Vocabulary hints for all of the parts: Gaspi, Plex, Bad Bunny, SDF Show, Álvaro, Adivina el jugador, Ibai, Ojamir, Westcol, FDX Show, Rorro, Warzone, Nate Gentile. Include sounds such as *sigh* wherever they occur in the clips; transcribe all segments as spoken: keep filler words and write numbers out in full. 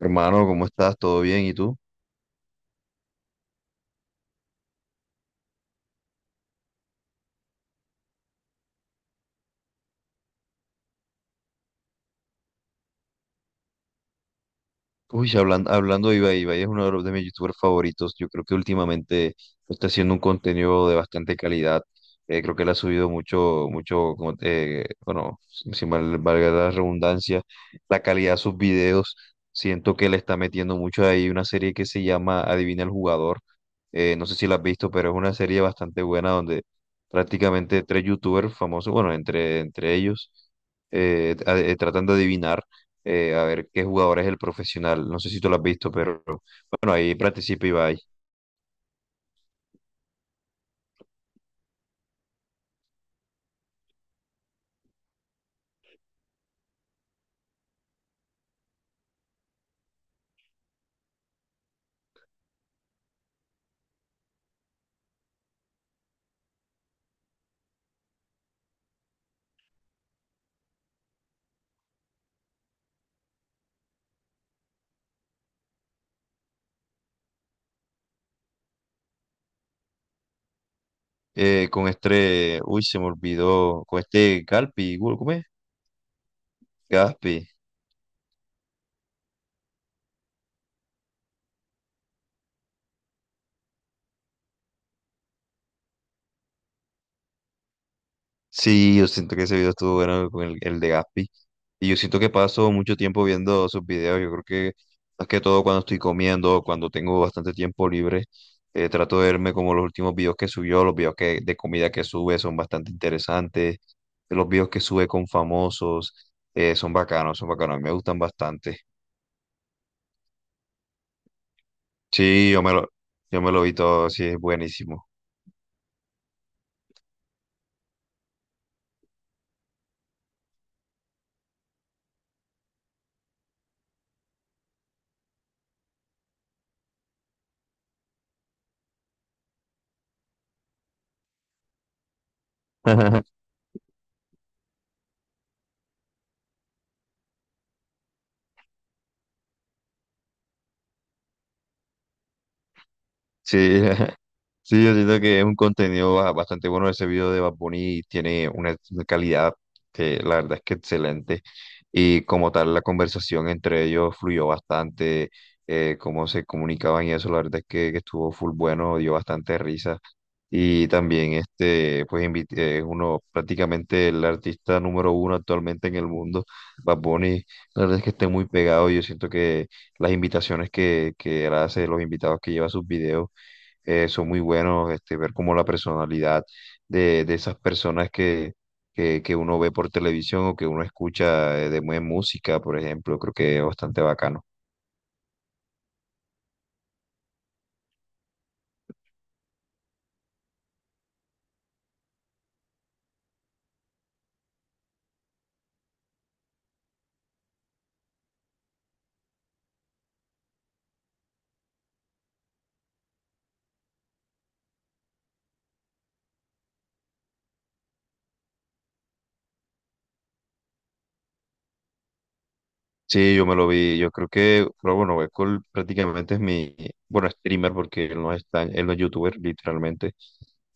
Hermano, ¿cómo estás? ¿Todo bien? ¿Y tú? Uy, hablan- hablando de Ibai, Ibai es uno de, los- de mis youtubers favoritos. Yo creo que últimamente está haciendo un contenido de bastante calidad. Eh, creo que él ha subido mucho, mucho, como te- bueno, sin sin mal- valga la redundancia, la calidad de sus videos. Siento que le está metiendo mucho ahí una serie que se llama Adivina el jugador. Eh, no sé si la has visto, pero es una serie bastante buena donde prácticamente tres youtubers famosos, bueno, entre, entre ellos, eh, a- eh, tratan de adivinar, eh, a ver qué jugador es el profesional. No sé si tú lo has visto, pero bueno, ahí participa Ibai. Eh, con este, uy, se me olvidó, con este Galpi, ¿cómo es? Gaspi. Sí, yo siento que ese video estuvo bueno con el, el de Gaspi. Y yo siento que paso mucho tiempo viendo sus videos. Yo creo que más que todo cuando estoy comiendo, cuando tengo bastante tiempo libre, eh, trato de verme como los últimos videos que subió, los videos que, de comida que sube son bastante interesantes. Los videos que sube con famosos, eh, son bacanos, son bacanos. A mí me gustan bastante. Sí, yo me lo, yo me lo vi todo, sí, es buenísimo. *laughs* Sí, *laughs* sí, yo siento que es un contenido ba- bastante bueno ese video de Bad Bunny, tiene una calidad que la verdad es que excelente, y como tal la conversación entre ellos fluyó bastante, eh, cómo se comunicaban y eso, la verdad es que, que estuvo full bueno, dio bastante risa y también este, pues invit- eh, es uno prácticamente el artista número uno actualmente en el mundo, Bad Bunny, la verdad es que está muy pegado, yo siento que las invitaciones que, que él hace, los invitados que lleva a sus videos, eh, son muy buenos, este, ver como la personalidad de, de esas personas que, que, que uno ve por televisión o que uno escucha, eh, de buena música, por ejemplo, creo que es bastante bacano. Sí, yo me lo vi. Yo creo que, pero bueno, Westcol prácticamente es mi, bueno, streamer porque él no es tan, él no es youtuber, literalmente.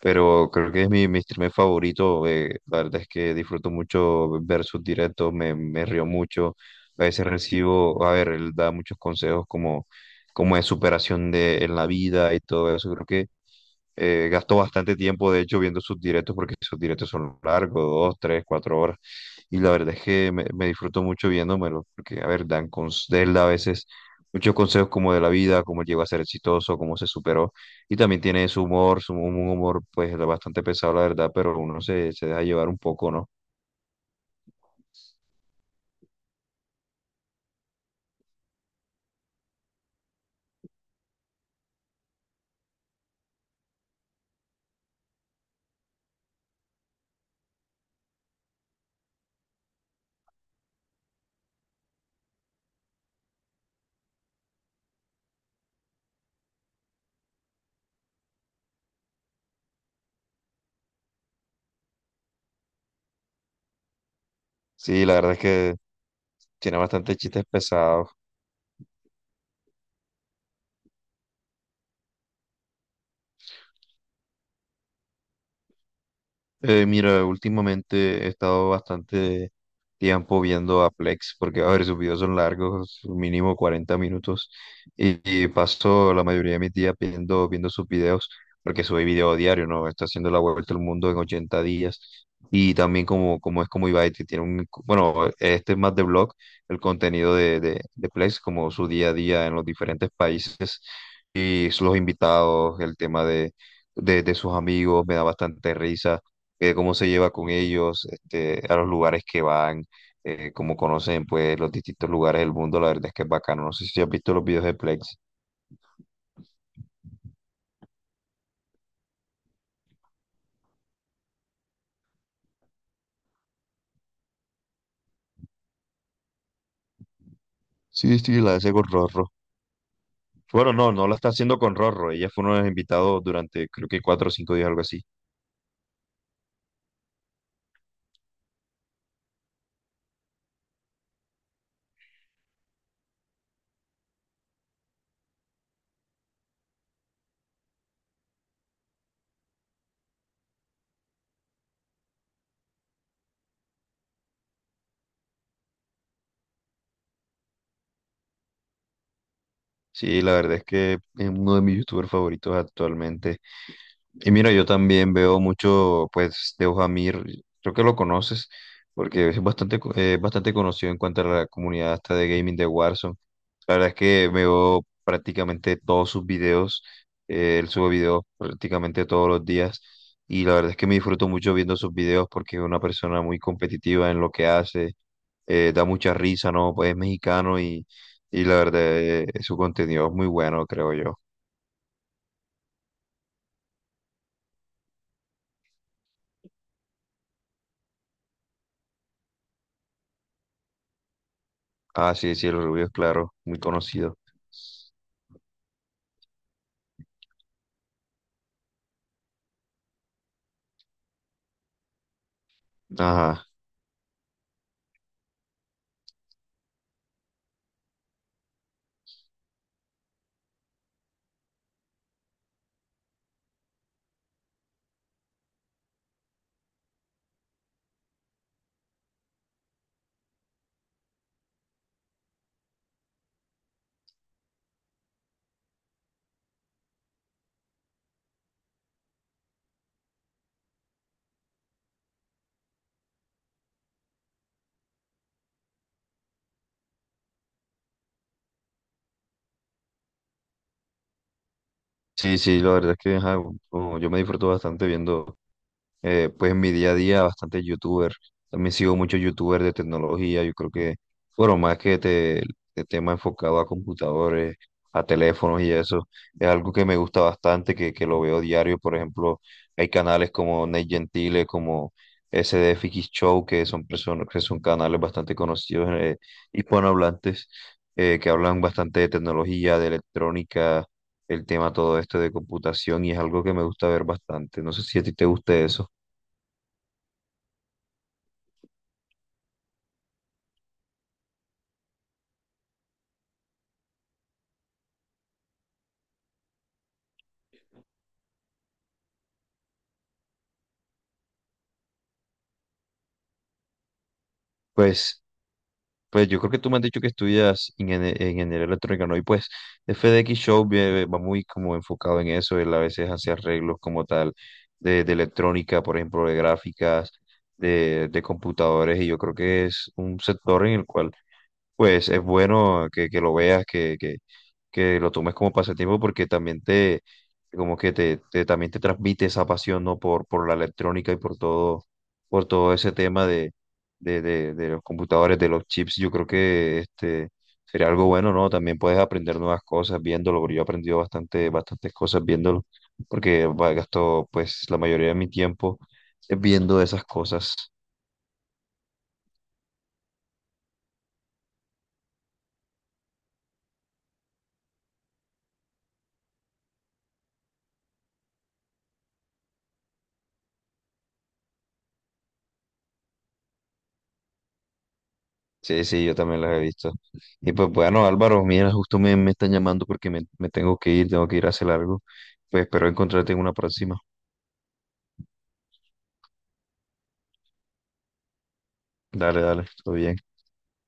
Pero creo que es mi, mi streamer favorito. Eh, la verdad es que disfruto mucho ver sus directos, me, me río mucho. A veces recibo, a ver, él da muchos consejos como, como de superación de, en la vida y todo eso. Creo que, eh, gasto bastante tiempo, de hecho, viendo sus directos porque sus directos son largos, dos, tres, cuatro horas. Y la verdad es que me, me disfruto mucho viéndomelo, porque, a ver, dan cons- de él a veces muchos consejos como de la vida, cómo llegó a ser exitoso, cómo se superó. Y también tiene su humor, su, un humor pues bastante pesado, la verdad, pero uno se, se deja llevar un poco, ¿no? Sí, la verdad es que tiene bastantes chistes pesados. Eh, mira, últimamente he estado bastante tiempo viendo a Plex porque, a ver, sus videos son largos, mínimo cuarenta minutos, y, y paso la mayoría de mis días viendo, viendo sus videos porque sube video diario, ¿no? Está haciendo la vuelta al mundo en ochenta días. Y también como, como es como Ibai, que tiene un, bueno, este es más de blog, el contenido de, de, de Plex, como su día a día en los diferentes países y los invitados, el tema de, de de sus amigos, me da bastante risa, eh, cómo se lleva con ellos, este, a los lugares que van, eh, cómo conocen pues los distintos lugares del mundo, la verdad es que es bacano. No sé si has visto los videos de Plex. Sí, sí, la hace con Rorro. Bueno, no, no la está haciendo con Rorro. Ella fue uno de los invitados durante creo que cuatro o cinco días, algo así. Sí, la verdad es que es uno de mis youtubers favoritos actualmente. Y mira, yo también veo mucho, pues, de Ojamir, creo que lo conoces, porque es bastante, co- eh, bastante conocido en cuanto a la comunidad hasta de gaming de Warzone. La verdad es que veo prácticamente todos sus videos, eh, él sube videos prácticamente todos los días, y la verdad es que me disfruto mucho viendo sus videos porque es una persona muy competitiva en lo que hace, eh, da mucha risa, ¿no? Pues es mexicano y la verdad, eh, su contenido es muy bueno, creo yo. Ah, sí, sí, el rubio es claro, muy conocido. Ajá. Sí, sí, la verdad es que ajá, como yo me disfruto bastante viendo, eh, pues en mi día a día, bastante youtuber. También sigo muchos youtubers de tecnología. Yo creo que, bueno, más que te, de tema enfocado a computadores, a teléfonos y eso, es algo que me gusta bastante, que, que lo veo diario. Por ejemplo, hay canales como Nate Gentile, como S D F Show, que son personas, que son canales bastante conocidos, eh, hispanohablantes, eh, que hablan bastante de tecnología, de electrónica, el tema todo esto de computación y es algo que me gusta ver bastante. No sé si a ti te gusta eso. Pues Pues yo creo que tú me has dicho que estudias ingenie- ingeniería electrónica, ¿no? Y pues F D X Show vie- va muy como enfocado en eso, él a veces hace arreglos como tal de, de electrónica, por ejemplo, de gráficas, de, de computadores, y yo creo que es un sector en el cual pues es bueno que, que lo veas, que, que, que lo tomes como pasatiempo porque también te, como que te, te- también te transmite esa pasión, ¿no? Por, por la electrónica y por todo, por todo ese tema de, de, de los computadores, de los chips, yo creo que este sería algo bueno, ¿no? También puedes aprender nuevas cosas viéndolo, porque yo he aprendido bastante, bastantes cosas viéndolo, porque va, gasto pues la mayoría de mi tiempo, eh, viendo esas cosas. Sí, sí, yo también las he visto. Y pues bueno, Álvaro, mira, justo me, me están llamando porque me, me tengo que ir, tengo que ir a hacer algo. Pues espero encontrarte en una próxima. Dale, dale, todo bien.